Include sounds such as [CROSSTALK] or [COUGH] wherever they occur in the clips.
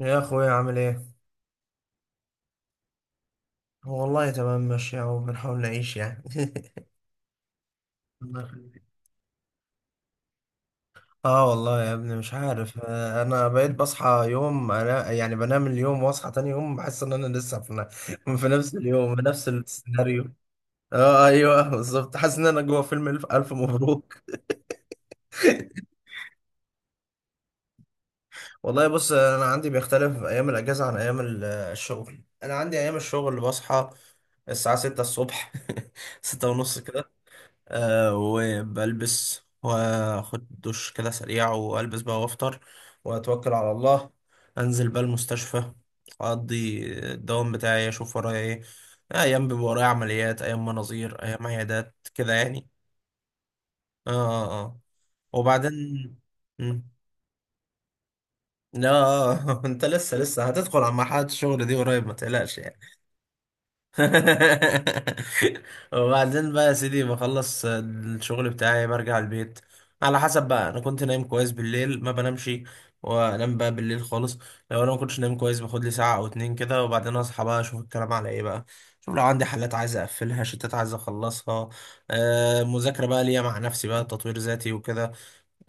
يا اخويا، عامل ايه؟ والله تمام ماشي اهو، بنحاول نعيش يعني. [LAUGHS] الله يخليك. اه والله يا ابني مش عارف. انا بقيت بصحى يوم، انا يعني بنام اليوم واصحى تاني يوم بحس ان انا لسه [LAUGHS] في نفس اليوم، في نفس السيناريو. ايوه بالظبط، حاسس ان انا جوه فيلم الف الف مبروك. والله بص، انا عندي بيختلف ايام الاجازه عن ايام الشغل. انا عندي ايام الشغل بصحى الساعه 6 الصبح. [LAUGHS] 6 ونص، وبلبس واخد دش كده سريع، والبس بقى وافطر واتوكل على الله. انزل بقى المستشفى، اقضي الدوام بتاعي، اشوف ورايا ايه. ايام بيبقى ورايا عمليات، ايام مناظير، ايام عيادات كده يعني. اه. اه. وبعدين مم. لا، [LAUGHS] انت لسه هتدخل على مرحلة الشغل دي قريب، ما تقلقش. [LAUGHS] وبعدين بقى يا سيدي، بخلص الشغل بتاعي برجع البيت. على حسب بقى، انا كنت نايم كويس بالليل ما بنامش، وانام بقى بالليل خالص. لو انا ما كنتش نايم كويس، باخد لي ساعه او اتنين كده، وبعدين اصحى بقى اشوف الكلام على ايه بقى. شوف، لو عندي حالات عايز اقفلها، شتات عايز اخلصها، مذاكره بقى ليا مع نفسي بقى، تطوير ذاتي وكده.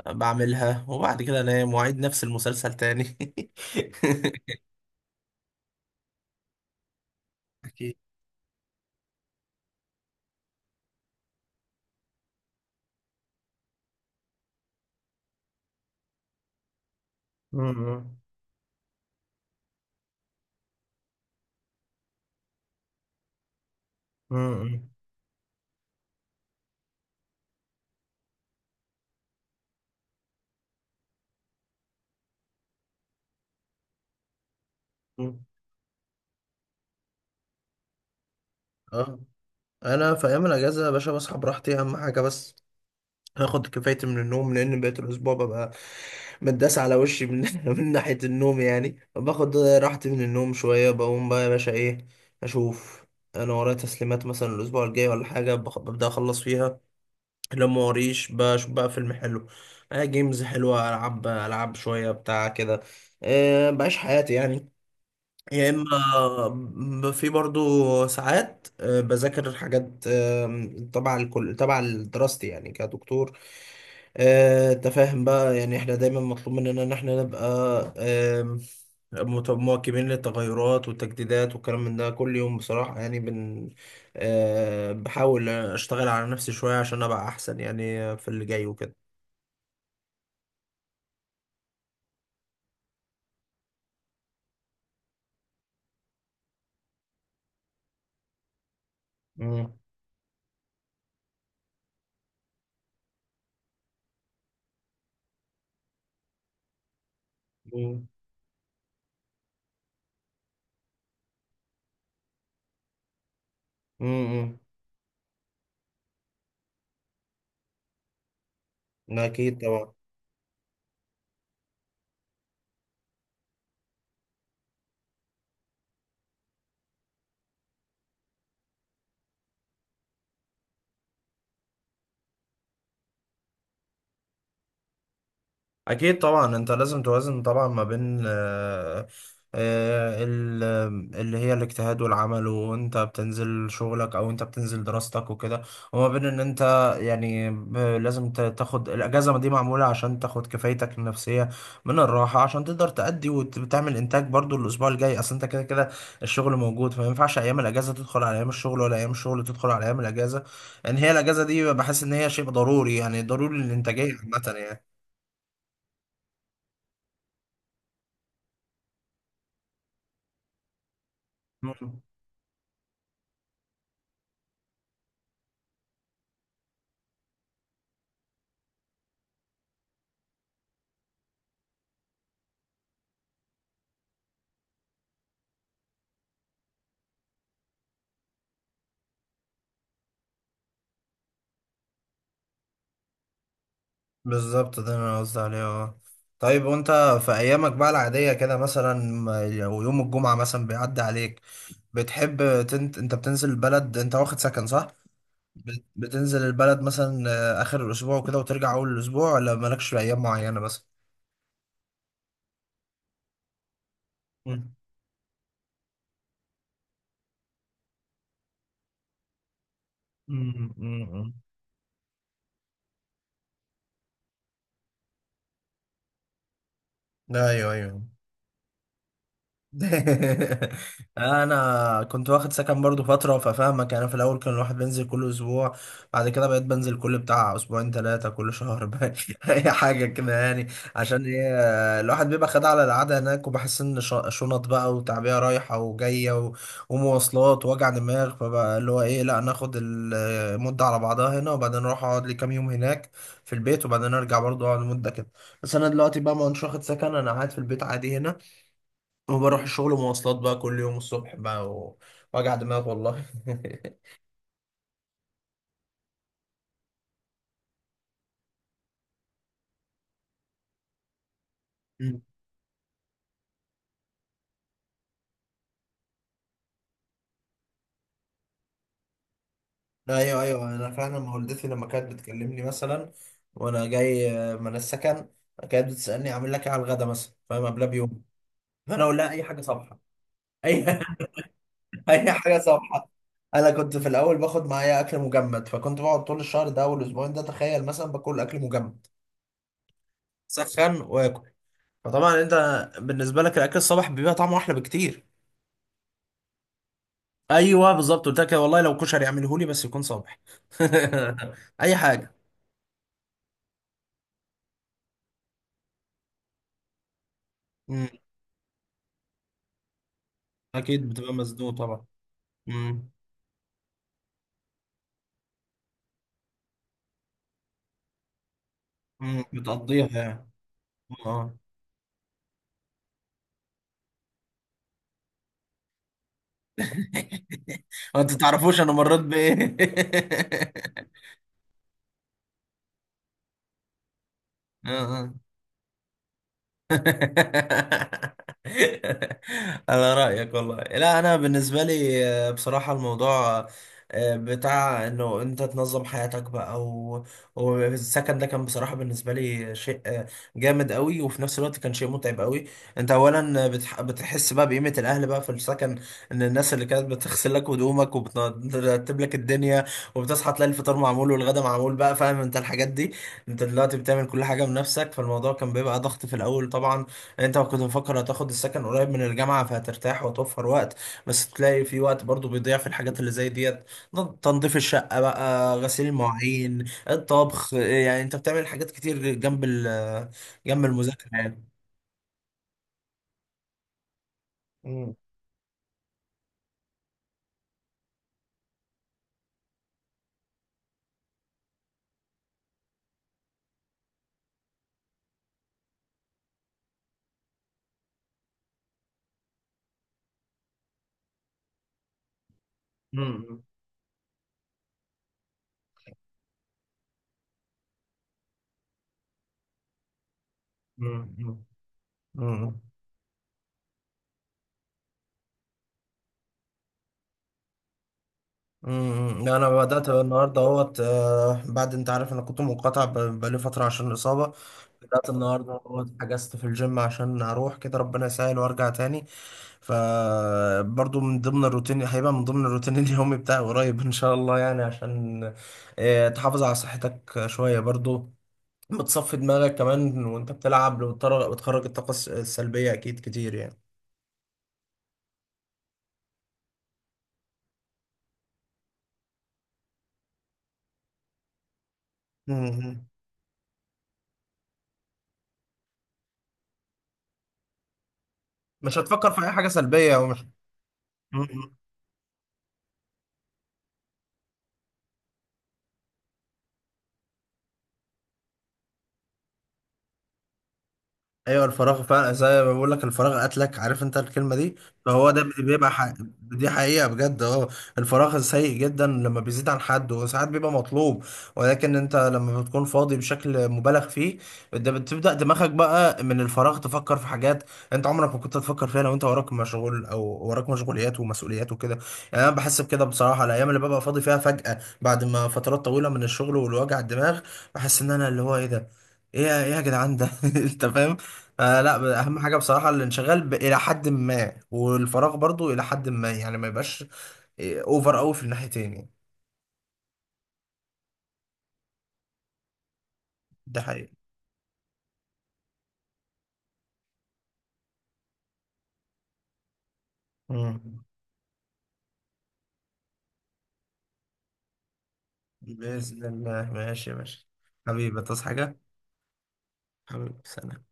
بعملها، وبعد كده انام واعيد نفس المسلسل تاني. [LAUGHS] أكيد. م-. م-. م-. م-. م. اه. انا في ايام الاجازه يا باشا بصحى براحتي، اهم حاجه بس هاخد كفايتي من النوم، لان بقيت الاسبوع ببقى متداس على وشي [LAUGHS] من ناحيه النوم. يعني باخد راحتي من النوم شويه، بقوم بقى يا باشا ايه، اشوف انا ورايا تسليمات مثلا الاسبوع الجاي ولا حاجه، ببدا اخلص فيها. لو ما وريش، بشوف بقى فيلم حلو، جيمز حلوه، العب شويه بتاع كده. أه، بعيش حياتي يعني. يا اما في برضو ساعات بذاكر حاجات تبع الكل، تبع دراستي يعني كدكتور. انت فاهم بقى، يعني احنا دايما مطلوب مننا ان احنا نبقى آم، مت- مواكبين للتغيرات والتجديدات والكلام من ده كل يوم بصراحة، يعني بن. بحاول اشتغل على نفسي شوية عشان ابقى احسن يعني في اللي جاي وكده. مم. مم. مم. مم. اكيد طبعا. اكيد طبعا، انت لازم توازن طبعا ما بين آه، ال- اللي هي الاجتهاد والعمل، وانت بتنزل شغلك او انت بتنزل دراستك وكده، وما بين ان انت يعني لازم تاخد الاجازه دي معموله، عشان تاخد كفايتك النفسيه من الراحه، عشان تقدر تأدي وتعمل انتاج برضو الاسبوع الجاي. اصل انت كده كده الشغل موجود، فما ينفعش ايام الاجازه تدخل على ايام الشغل، ولا ايام الشغل تدخل على ايام الاجازه. ان هي الاجازه دي بحس ان هي شيء ضروري يعني، ضروري للانتاجيه عامه يعني. بالظبط، ده اللي انا قصدي عليه. اه، طيب وانت في ايامك بقى العادية كده، مثلا او يوم الجمعة مثلا بيعدي عليك، بتحب انت بتنزل البلد؟ انت واخد سكن صح؟ بتنزل البلد مثلا اخر الاسبوع وكده وترجع اول الاسبوع، ولا مالكش في ايام معينة مثلا؟ مم. مم. مم. مم. ايوه ايوه. [LAUGHS] انا كنت واخد سكن برضو فتره، ففاهمك. انا في الاول كان الواحد بينزل كل اسبوع، بعد كده بقيت بنزل كل بتاع اسبوعين ثلاثه، كل شهر [LAUGHS] بقى، اي حاجه كده يعني. عشان ايه؟ الواحد بيبقى خد على القعده هناك، وبحس ان شنط بقى وتعبئه رايحه وجايه، ومواصلات ووجع دماغ، فبقى اللي هو ايه، لا ناخد المده على بعضها هنا، وبعدين اروح اقعد لي كام يوم هناك في البيت، وبعدين ارجع برضو اقعد مده كده. بس انا دلوقتي بقى ما كنتش واخد سكن، انا قاعد في البيت عادي هنا، وبروح الشغل مواصلات بقى كل يوم الصبح بقى، وجع دماغ والله. [LAUGHS] مم. ايوه ايوه، انا فعلا، ما والدتي لما كانت بتكلمني مثلا وانا جاي من السكن، كانت بتسالني اعمل لك ايه على الغدا مثلا، فاهم، قبلها بيوم، فانا اقول لها اي حاجه صبحه. اي. [LAUGHS] اي حاجه صبحه. انا كنت في الاول باخد معايا اكل مجمد، فكنت بقعد طول الشهر ده والاسبوعين ده، تخيل مثلا، باكل اكل مجمد سخن واكل. فطبعا انت بالنسبه لك الاكل الصبح بيبقى طعمه احلى بكتير. ايوه بالظبط، قلت لك والله لو كشري يعمله لي بس يكون صبح. [LAUGHS] اي حاجه. مم. اكيد بتبقى مزنوق طبعا. مم. مم. بتقضيها يعني. اه. [LAUGHS] انت تعرفوش انا مريت بايه. [LAUGHS] آه، آه. [LAUGHS] على رأيك والله. لا أنا بالنسبة لي بصراحة، الموضوع بتاع إنه أنت تنظم حياتك بقى و... والسكن ده كان بصراحة بالنسبة لي شيء جامد قوي، وفي نفس الوقت كان شيء متعب قوي. أنت أولا بتحس بقى بقيمة الأهل بقى في السكن، إن الناس اللي كانت بتغسل لك هدومك وبترتب لك الدنيا وبتصحى تلاقي الفطار معمول والغدا معمول بقى، فاهم أنت الحاجات دي. أنت دلوقتي بتعمل كل حاجة بنفسك، فالموضوع كان بيبقى ضغط في الأول طبعا. يعني انت كنت مفكر هتاخد السكن قريب من الجامعة فهترتاح وتوفر وقت، بس تلاقي في وقت برضو بيضيع في الحاجات اللي زي ديت، تنظيف الشقة بقى، غسيل المواعين، الطبخ، يعني انت بتعمل حاجات كتير جنب ال، جنب المذاكرة يعني. مم. مم. مم. مم. مم. امم، لا انا بدات النهارده اهوت، بعد، انت عارف انا كنت منقطع بقالي فتره عشان الاصابه. بدات النهارده اهوت، حجزت في الجيم عشان اروح كده، ربنا يسهل وارجع تاني. فبرضو من ضمن الروتين هيبقى من ضمن الروتين [LAUGHS] اليومي بتاعي قريب ان شاء الله، يعني عشان تحافظ على صحتك شويه برضو، بتصفي دماغك كمان وانت بتلعب، بتخرج الطاقه السلبيه، اكيد كتير يعني. امم. مش هتفكر في اي حاجه سلبيه، ومش. ايوه، الفراغ فعلا، زي ما بقول لك، الفراغ قتلك، عارف انت الكلمه دي. فهو ده بيبقى حق... دي حقيقه بجد. اه، الفراغ سيء جدا لما بيزيد عن حد، وساعات بيبقى مطلوب، ولكن انت لما بتكون فاضي بشكل مبالغ فيه، ده بتبدا دماغك بقى من الفراغ تفكر في حاجات انت عمرك ما كنت تفكر فيها، لو انت وراك مشغول او وراك مشغوليات ومسؤوليات وكده. يعني انا بحس بكده بصراحه، الايام اللي ببقى فاضي فيها فجاه بعد ما فترات طويله من الشغل والوجع الدماغ، بحس ان انا، اللي هو ايه ده، ايه ايه يا جدعان ده. [LAUGHS] انت فاهم. آه، لا، اهم حاجه بصراحه الانشغال الى حد ما، والفراغ برضو الى حد ما، يعني ما يبقاش اوفر قوي في الناحيتين يعني. ده حقيقي. مم. باذن الله، ماشي ماشي. حبيبي، تصحى حاجه. حبيبي، سلام.